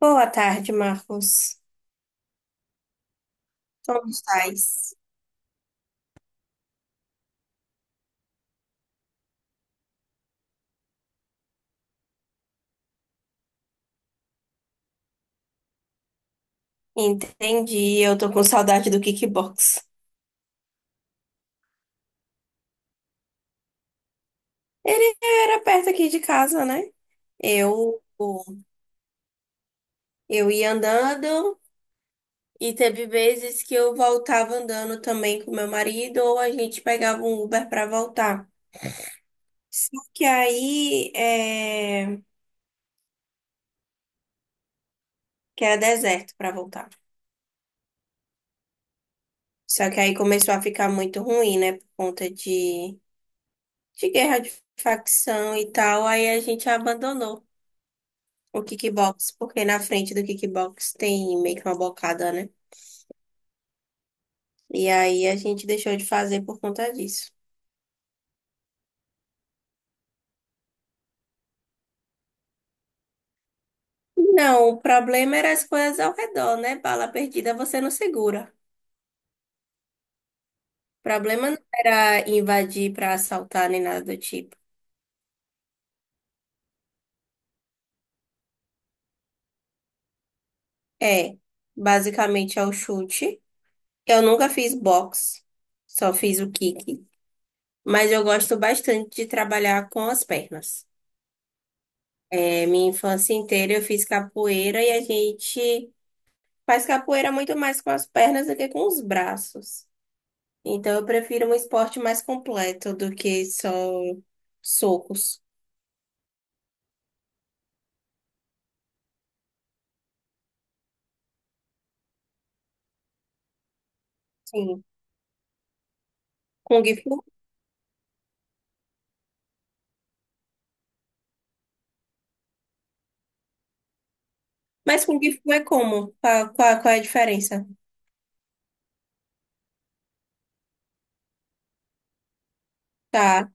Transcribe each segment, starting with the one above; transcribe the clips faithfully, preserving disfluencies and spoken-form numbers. Boa tarde, Marcos. Como estás? Entendi, eu tô com saudade do kickbox. Ele era perto aqui de casa, né? Eu, eu ia andando e teve vezes que eu voltava andando também com meu marido ou a gente pegava um Uber pra voltar. Só que aí, é... que era deserto pra voltar. Só que aí começou a ficar muito ruim, né? Por conta de, de guerra de facção e tal, aí a gente abandonou o kickbox, porque na frente do kickbox tem meio que uma bocada, né? E aí a gente deixou de fazer por conta disso. Não, o problema era as coisas ao redor, né? Bala perdida você não segura. O problema não era invadir pra assaltar nem nada do tipo. É, basicamente é o chute. Eu nunca fiz boxe, só fiz o kick. Mas eu gosto bastante de trabalhar com as pernas. É, minha infância inteira eu fiz capoeira e a gente faz capoeira muito mais com as pernas do que com os braços. Então eu prefiro um esporte mais completo do que só socos. Sim. Kung Fu? Mas Kung Fu é como? Qual, qual, qual é a diferença? Tá.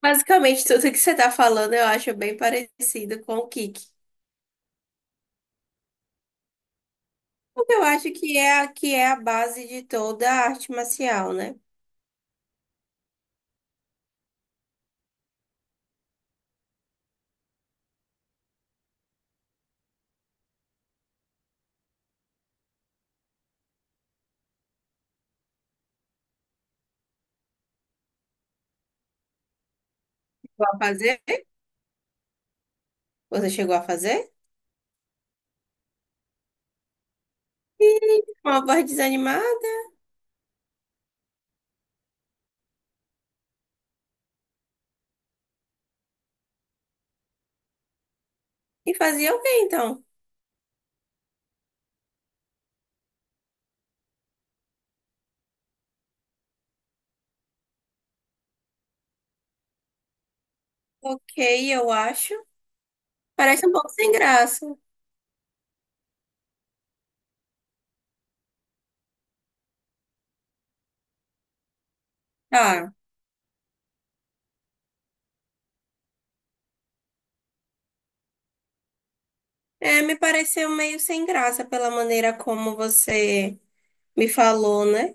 Basicamente, tudo que você tá falando eu acho bem parecido com o kick. Porque eu acho que é a, que é a base de toda a arte marcial, né? Vai fazer? Você chegou a fazer? Ih, uma voz desanimada? E fazia o quê, então? Ok, eu acho. Parece um pouco sem graça. Ah, é, me pareceu meio sem graça pela maneira como você me falou, né?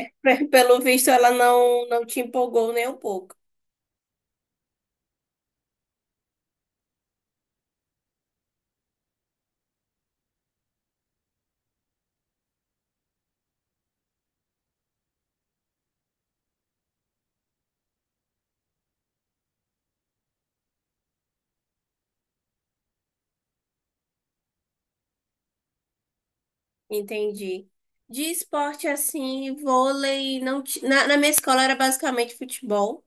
É, pelo visto ela não, não te empolgou nem um pouco. Entendi. De esporte assim, vôlei, não ti- na, na minha escola era basicamente futebol.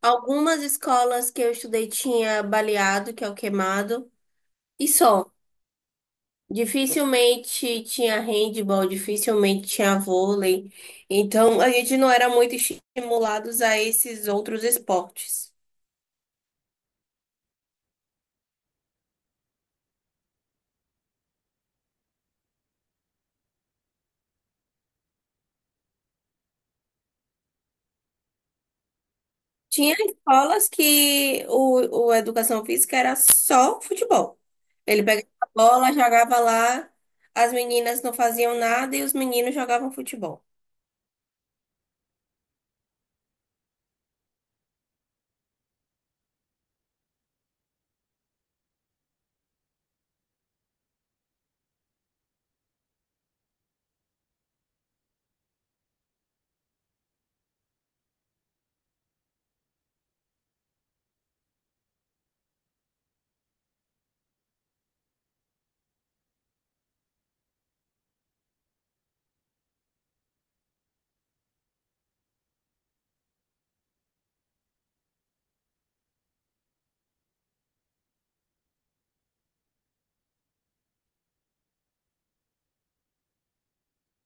Algumas escolas que eu estudei tinha baleado, que é o queimado, e só. Dificilmente tinha handball, dificilmente tinha vôlei. Então, a gente não era muito estimulados a esses outros esportes. Tinha escolas que o, o educação física era só futebol. Ele pegava a bola, jogava lá, as meninas não faziam nada e os meninos jogavam futebol.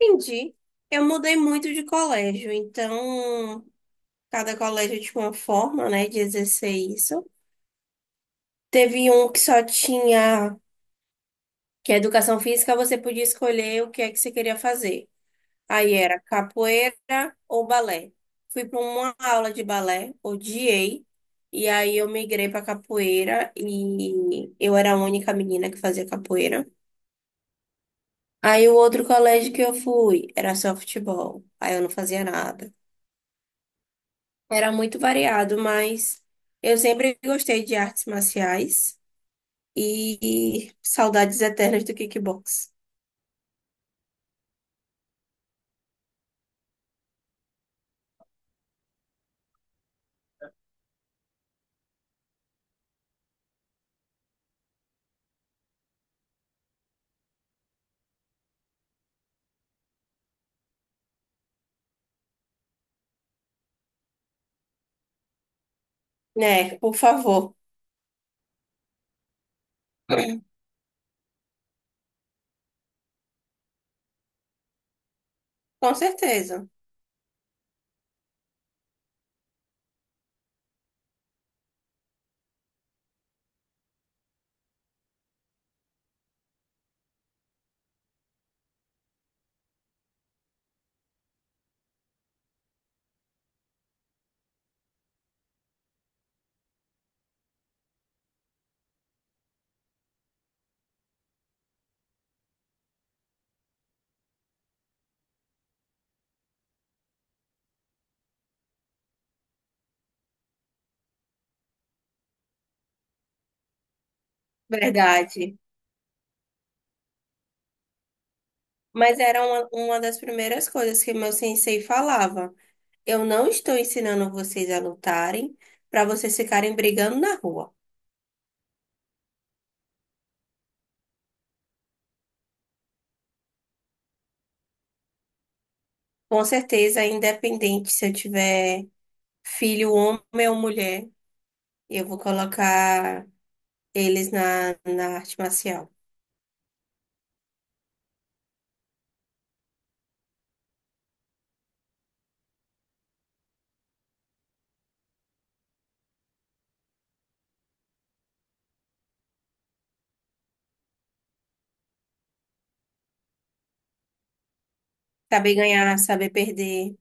Entendi. Eu mudei muito de colégio, então cada colégio tinha uma forma, né, de exercer isso. Teve um que só tinha que a educação física você podia escolher o que é que você queria fazer. Aí era capoeira ou balé. Fui para uma aula de balé, odiei, e aí eu migrei para capoeira e eu era a única menina que fazia capoeira. Aí o outro colégio que eu fui era só futebol, aí eu não fazia nada. Era muito variado, mas eu sempre gostei de artes marciais e saudades eternas do kickbox. Né, por favor. Com certeza, verdade. Mas era uma, uma das primeiras coisas que meu sensei falava. Eu não estou ensinando vocês a lutarem para vocês ficarem brigando na rua. Com certeza, independente se eu tiver filho, homem ou mulher, eu vou colocar eles na, na arte marcial. Saber ganhar, saber perder.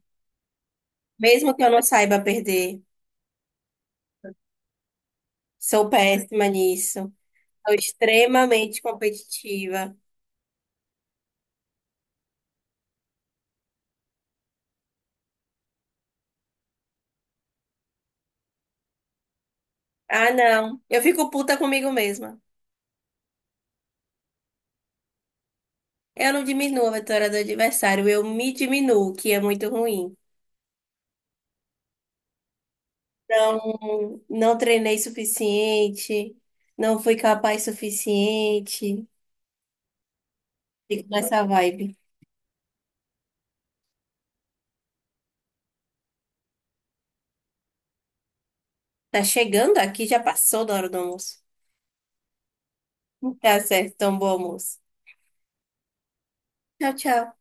Mesmo que eu não saiba perder, sou péssima nisso. Sou extremamente competitiva. Ah, não. Eu fico puta comigo mesma. Eu não diminuo a vitória do adversário, eu me diminuo, que é muito ruim. Não, não treinei suficiente, não fui capaz suficiente. Fico nessa vibe. Tá chegando aqui, já passou da hora do almoço. Tá certo, então bom almoço. Tchau, tchau.